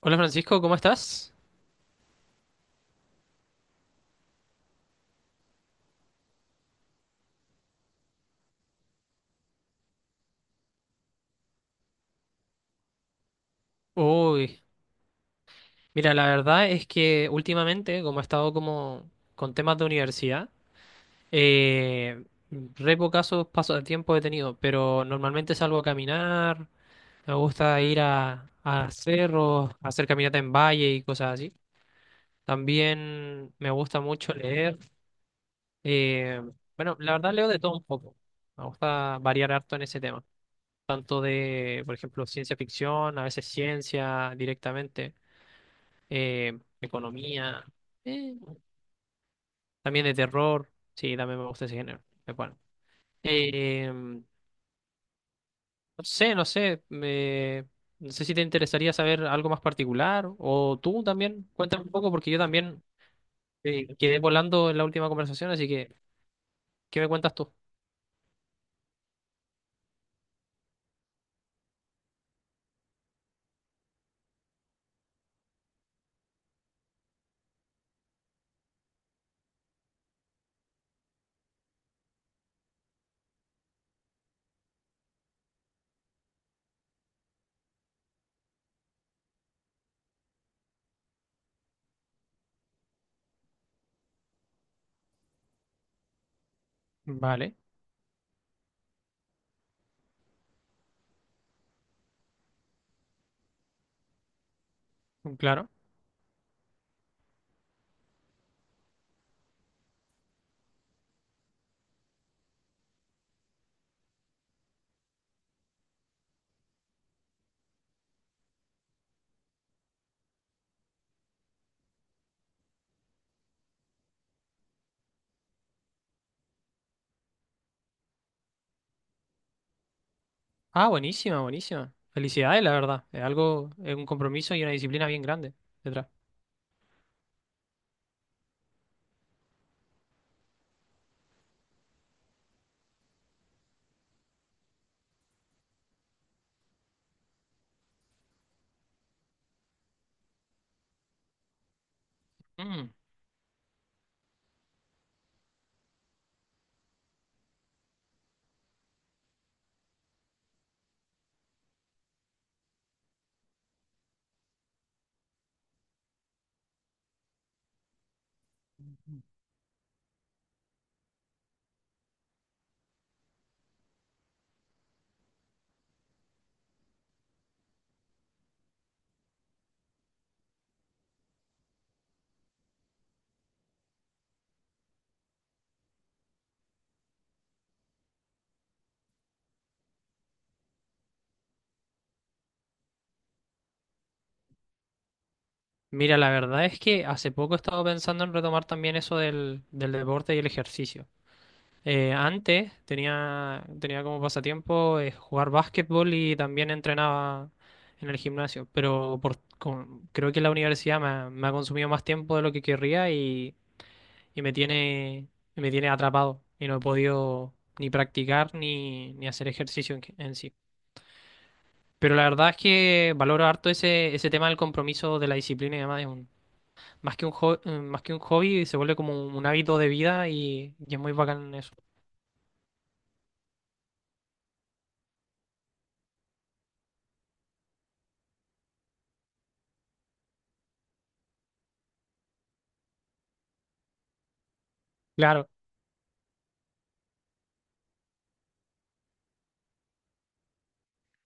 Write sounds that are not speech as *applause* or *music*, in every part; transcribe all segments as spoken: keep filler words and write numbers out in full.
Hola Francisco, ¿cómo estás? Uy, mira, la verdad es que últimamente, como he estado como con temas de universidad, eh, re pocazos pasos de tiempo he tenido, pero normalmente salgo a caminar, me gusta ir a, a cerros, hacer caminata en valle y cosas así. También me gusta mucho leer. eh, bueno, la verdad leo de todo un poco. Me gusta variar harto en ese tema, tanto de, por ejemplo, ciencia ficción, a veces ciencia directamente. eh, economía, eh, también de terror. Sí, también me gusta ese género. Es bueno. Eh, no sé, no sé. me- no sé si te interesaría saber algo más particular o tú también. Cuéntame un poco porque yo también eh, quedé volando en la última conversación, así que, ¿qué me cuentas tú? Vale, claro. Ah, buenísima, buenísima. Felicidades, la verdad. Es algo, es un compromiso y una disciplina bien grande detrás. Mm. Mira, la verdad es que hace poco he estado pensando en retomar también eso del, del deporte y el ejercicio. Eh, antes tenía, tenía como pasatiempo eh, jugar básquetbol y también entrenaba en el gimnasio, pero por, con- creo que la universidad me, ha me ha consumido más tiempo de lo que querría y, y me tiene, y me tiene atrapado y no he podido ni practicar ni, ni hacer ejercicio en, en sí. Pero la verdad es que valoro harto ese, ese tema del compromiso, de la disciplina y demás. Más que un hobby, más que un hobby, se vuelve como un hábito de vida y, y es muy bacán eso. Claro.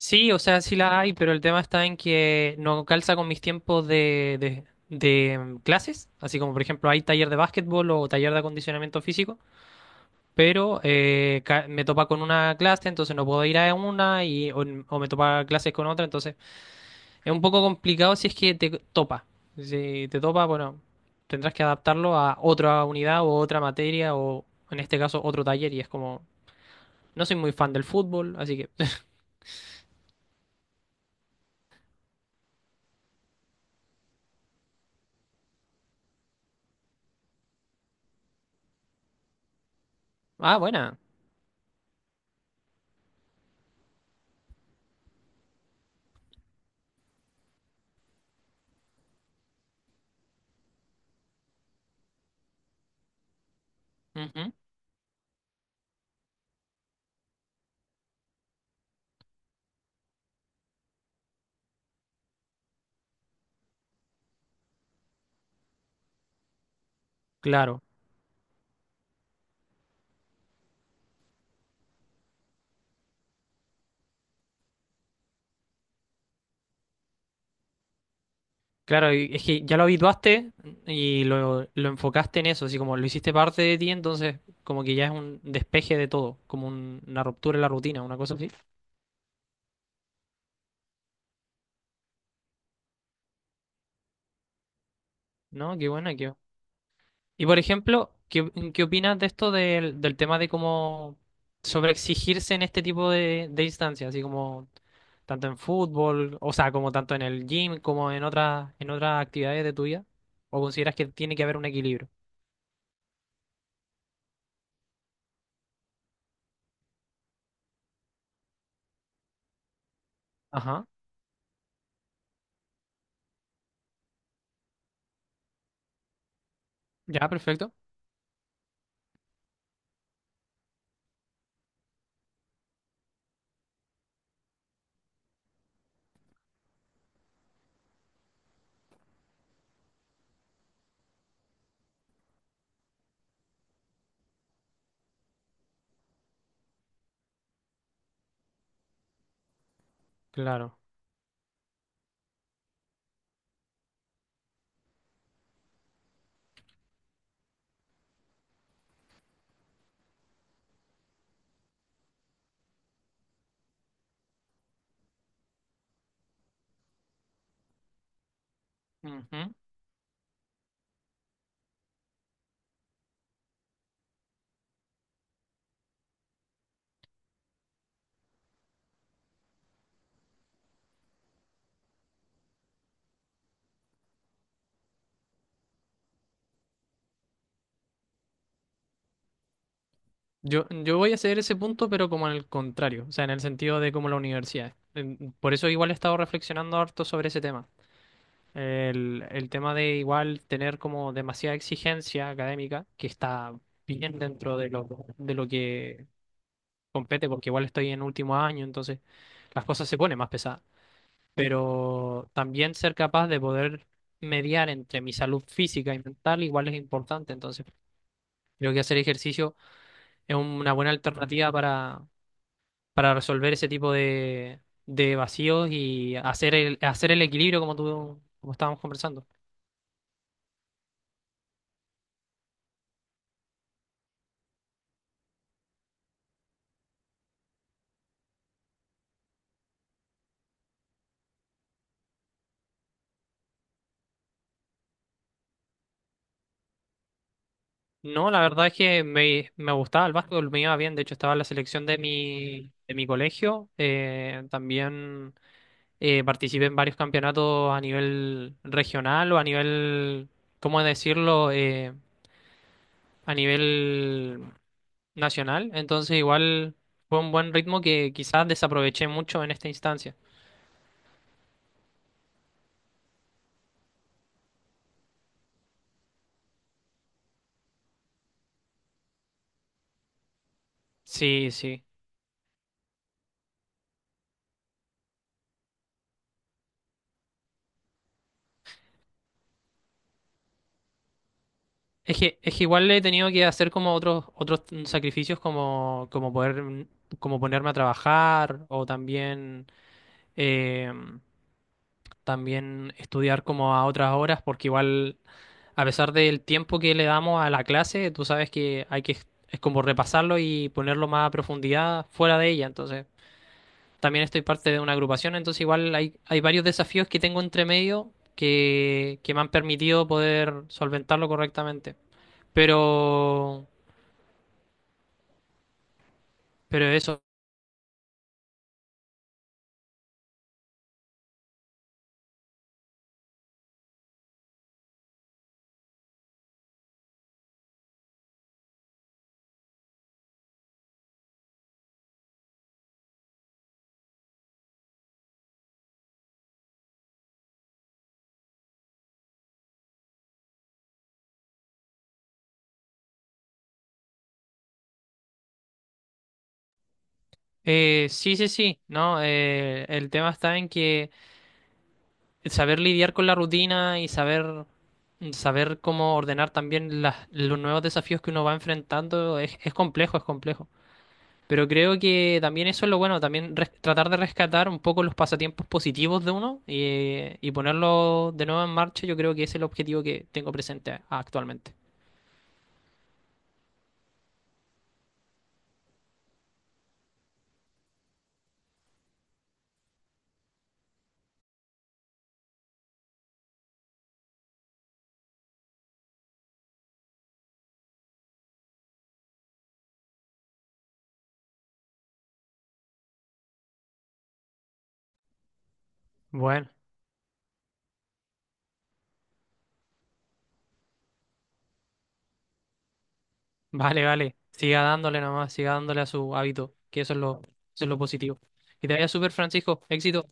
Sí, o sea, sí la hay, pero el tema está en que no calza con mis tiempos de, de, de, mm, clases. Así como, por ejemplo, hay taller de básquetbol o taller de acondicionamiento físico, pero eh, ca- me topa con una clase, entonces no puedo ir a una, y, o, o me topa clases con otra, entonces es un poco complicado si es que te topa. Si te topa, bueno, tendrás que adaptarlo a otra unidad o otra materia o en este caso otro taller y es como, no soy muy fan del fútbol, así que... *laughs* Ah, buena. Ujú. Claro, claro, y es que ya lo habituaste y lo, lo enfocaste en eso, así como lo hiciste parte de ti, entonces como que ya es un despeje de todo, como un- una ruptura en la rutina, una cosa así. No, qué buena, qué y por ejemplo, ¿qué, ¿qué opinas de esto del, del tema de cómo sobreexigirse en este tipo de, de instancias? Así como tanto en fútbol, o sea, como tanto en el gym, como en otras, en otras actividades de tu vida. ¿O consideras que tiene que haber un equilibrio? Ajá. Ya, perfecto. Claro. Ujú. Yo, yo voy a ceder ese punto, pero como en el contrario, o sea, en el sentido de como la universidad. Em, Por eso igual he estado reflexionando harto sobre ese tema. El, el tema de igual tener como demasiada exigencia académica, que está bien dentro de lo, de lo que compete, porque igual estoy en último año, entonces las cosas se ponen más pesadas. Pero también ser capaz de poder mediar entre mi salud física y mental igual es importante, entonces creo que hacer ejercicio es una buena alternativa para, para resolver ese tipo de, de vacíos y hacer el, hacer el equilibrio como tú, como estábamos conversando. No, la verdad es que me, me gustaba el básquetbol, me iba bien. De hecho, estaba en la selección de mi, de mi colegio. Eh, también eh, participé en varios campeonatos a nivel regional o a nivel, ¿cómo decirlo? Eh, a nivel nacional. Entonces, igual fue un buen ritmo que quizás desaproveché mucho en esta instancia. Sí, sí. Es que, es que igual he tenido que hacer como otros, otros sacrificios como, como poder, mm, como ponerme a trabajar o también eh, también estudiar como a otras horas, porque igual, a pesar del tiempo que le damos a la clase, tú sabes que hay que, es es como repasarlo y ponerlo más a profundidad fuera de ella. Entonces, también estoy parte de una agrupación, entonces igual hay, hay varios desafíos que tengo entre medio que, que me han permitido poder solventarlo correctamente. Pero, pero eso. Eh, sí, sí, sí, ¿no? Eh, el tema está en que saber lidiar con la rutina y saber saber cómo ordenar también las- los nuevos desafíos que uno va enfrentando es, es complejo, es complejo. Pero creo que también eso es lo bueno, también res- tratar de rescatar un poco los pasatiempos positivos de uno y, y ponerlo de nuevo en marcha, yo creo que ese es el objetivo que tengo presente a- actualmente. Bueno, vale, vale. Siga dándole nomás, siga dándole a su hábito, que eso es lo, eso es lo positivo. Que te vaya súper, Francisco. Éxito.